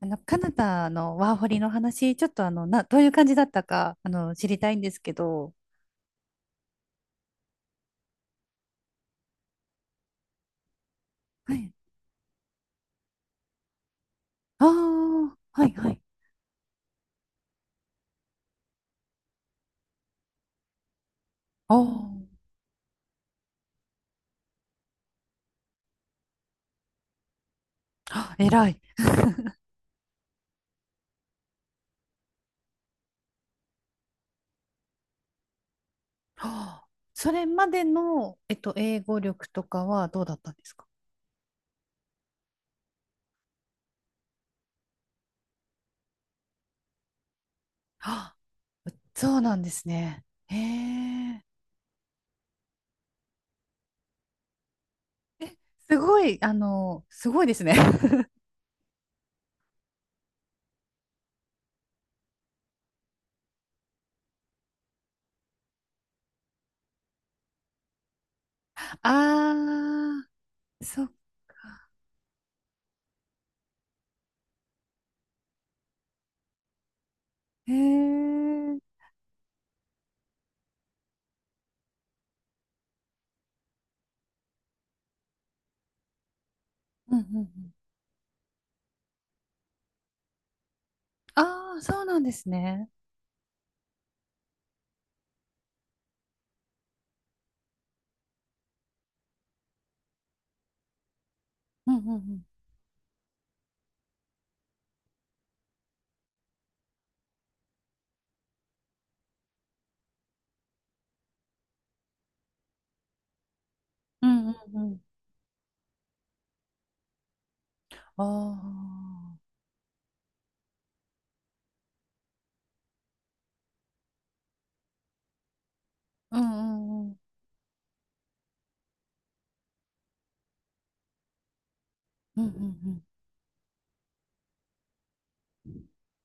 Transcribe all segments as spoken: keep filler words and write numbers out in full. あの、カナダのワーホリの話、ちょっとあの、な、どういう感じだったか、あの、知りたいんですけど。はい。ああ、はい、はい。ああ、えらい。ああ、それまでの、えっと、英語力とかはどうだったんですか？ああ、そうなんですね。へえ、すごい、あの、すごいですね。ああ、そっか。へえ、うんうんうん。ああ、そうなんですね。うんうんうん。うんうんああ、うんうんうん。うんうん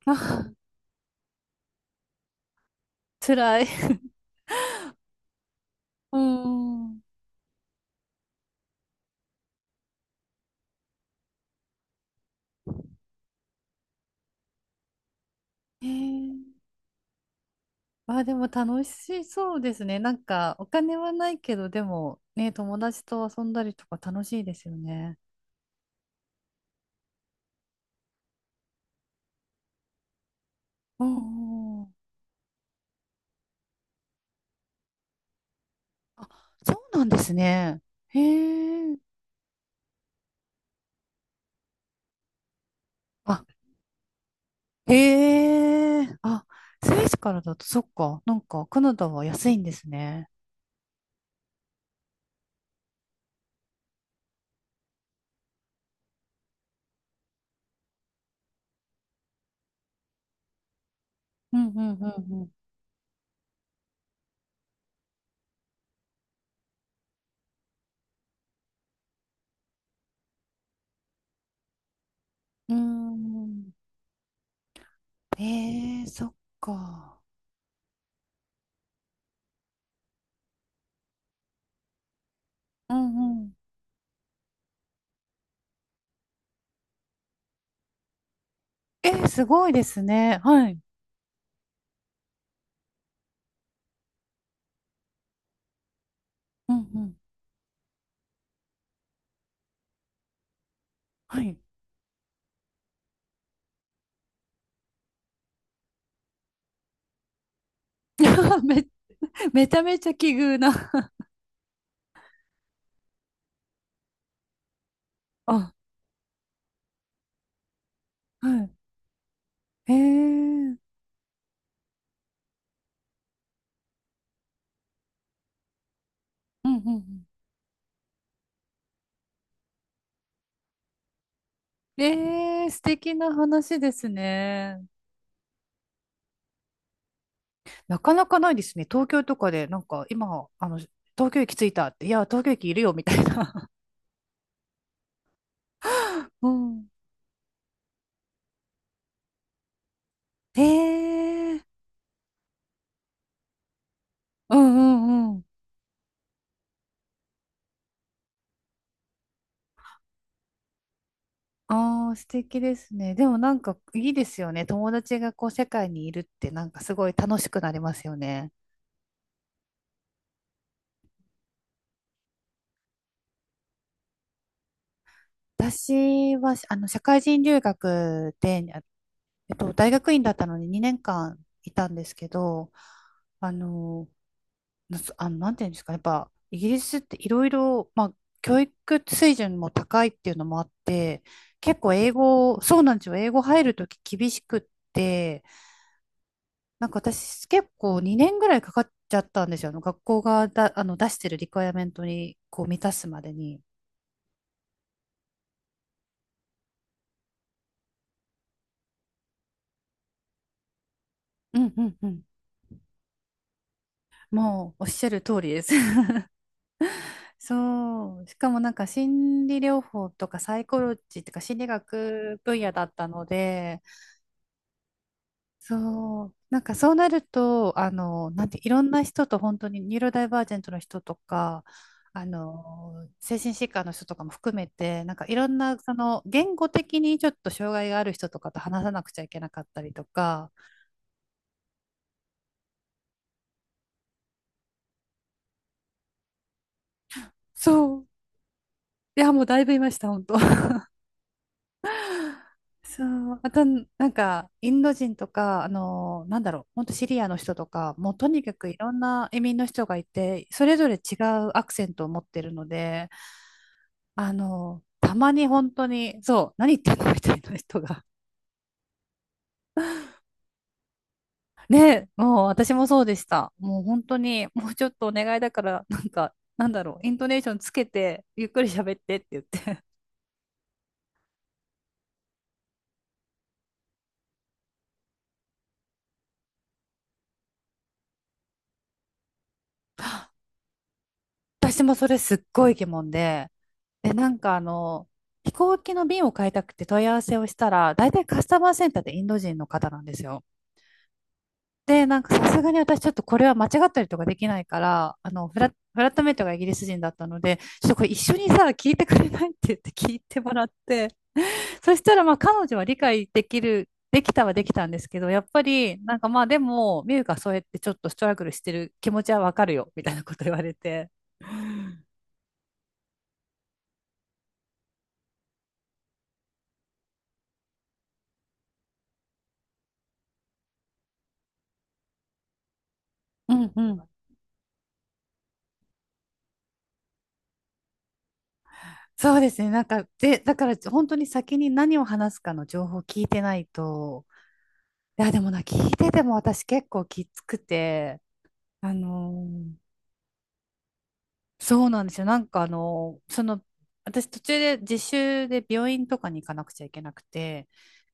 あうん。あ、辛い。うん。へえ。あ、でも楽しそうですね。なんか、お金はないけど、でも、ね、友達と遊んだりとか楽しいですよね。うんうん。あ、そうなんですね。へえ。あ、へえ。あ、スイスからだと、そっか。なんか、カナダは安いんですね。うんうんうんうん。うーん。へえ、そっか。うんうん。え、すごいですね。はい。うんうん。はい。め、めちゃめちゃ奇遇な。あ、はい。えー。うんうんうん。えー、素敵な話ですね。なかなかないですね。東京とかで、なんか今、あの、東京駅着いたって、いや、東京駅いるよ、みたいな。うん。えー。うんうんうん。ああ、素敵ですね。でもなんかいいですよね。友達がこう世界にいるってなんかすごい楽しくなりますよね。私は、あの、社会人留学で、あえっと、大学院だったのににねんかんいたんですけど、あの、なあの、なんていうんですかね、やっぱ、イギリスっていろいろ、まあ、教育水準も高いっていうのもあって、結構英語、そうなんですよ、英語入るとき厳しくって、なんか私結構にねんぐらいかかっちゃったんですよ、あの、学校がだ、あの、出してるリクエアメントに、こう、満たすまでに。うんうんうん。もう、おっしゃる通りです。そう。しかもなんか心理療法とかサイコロジーとか心理学分野だったので、そう。なんかそうなると、あの、なんて、いろんな人と本当にニューロダイバージェントの人とか、あの、精神疾患の人とかも含めて、なんかいろんな、その、言語的にちょっと障害がある人とかと話さなくちゃいけなかったりとか、そう。いや、もうだいぶいました、本当。そう、あと、なんか、インド人とか、あの、なんだろう、本当シリアの人とか、もうとにかくいろんな移民の人がいて、それぞれ違うアクセントを持ってるので、あの、たまに本当に、そう、何言ってんのみたいな人が。ね、もう私もそうでした。もう本当に、もうちょっとお願いだから、なんか、なんだろう、イントネーションつけて、ゆっくり喋ってって言って。私もそれすっごい疑問で、で、なんかあの、飛行機の便を買いたくて問い合わせをしたら、大体カスタマーセンターってインド人の方なんですよ。で、なんかさすがに私ちょっとこれは間違ったりとかできないから、あの、フラ、フラットメイトがイギリス人だったので、ちょっとこれ一緒にさ、聞いてくれないって言って聞いてもらって、そしたらまあ彼女は理解できる、できたはできたんですけど、やっぱりなんかまあでも、ミュウがそうやってちょっとストラグルしてる気持ちはわかるよ、みたいなこと言われて。うんうんそうですね。なんか、で、だから本当に先に何を話すかの情報を聞いてないと、いや、でもな、聞いてても私結構きつくて、あのーそうなんですよ。なんかあのーその、私途中で実習で病院とかに行かなくちゃいけなくて、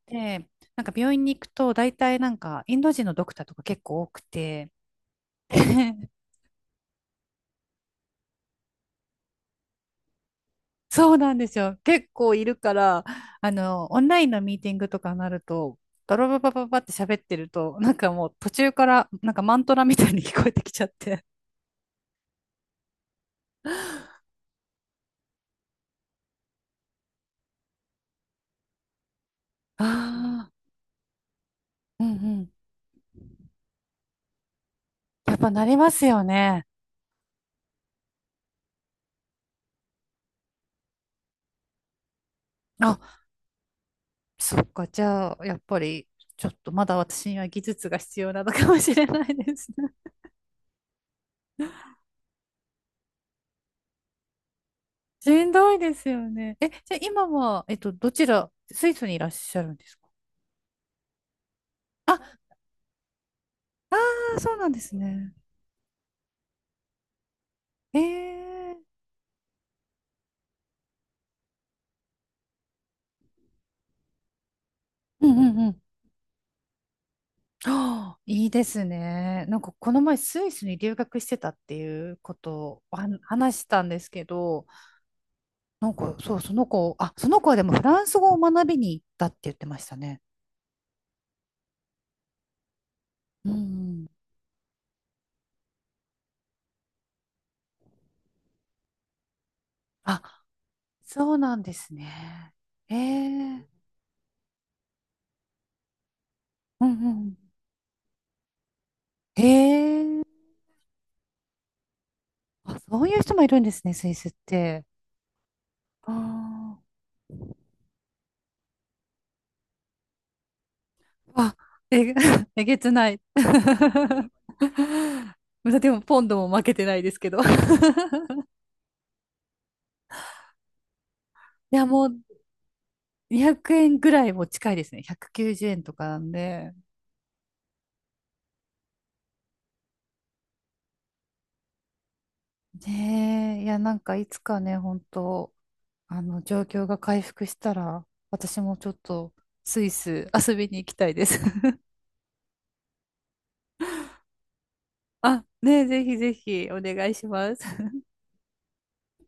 で、なんか病院に行くと大体なんかインド人のドクターとか結構多くて、そうなんですよ。結構いるから、あの、オンラインのミーティングとかになると、ドロババババって喋ってると、なんかもう途中から、なんかマントラみたいに聞こえてきちゃって。ああ、うんうん。やっぱなりますよね。あ、そっか。じゃあ、やっぱり、ちょっとまだ私には技術が必要なのかもしれないですね。しんどいですよね。え、じゃあ今は、えっと、どちら、スイスにいらっしゃるんですか？あ、そうなんですね。ええうんうんうん。ああ、いいですね。なんかこの前スイスに留学してたっていうことをは話したんですけど、なんかそう、その子、あ、その子はでもフランス語を学びに行ったって言ってましたね。うん。あ、そうなんですね。ええうんうん。ええあ、そういう人もいるんですね、スイスって。ああ、あ、え、えげつない。でも、ポンドも負けてないですけど。いや、もう、にひゃくえんぐらいも近いですね。ひゃくきゅうじゅうえんとかなんで。ねえ、いや、なんかいつかね、本当あの、状況が回復したら、私もちょっとスイス遊びに行きたいです。あ、ねえ、ぜひぜひお願いします。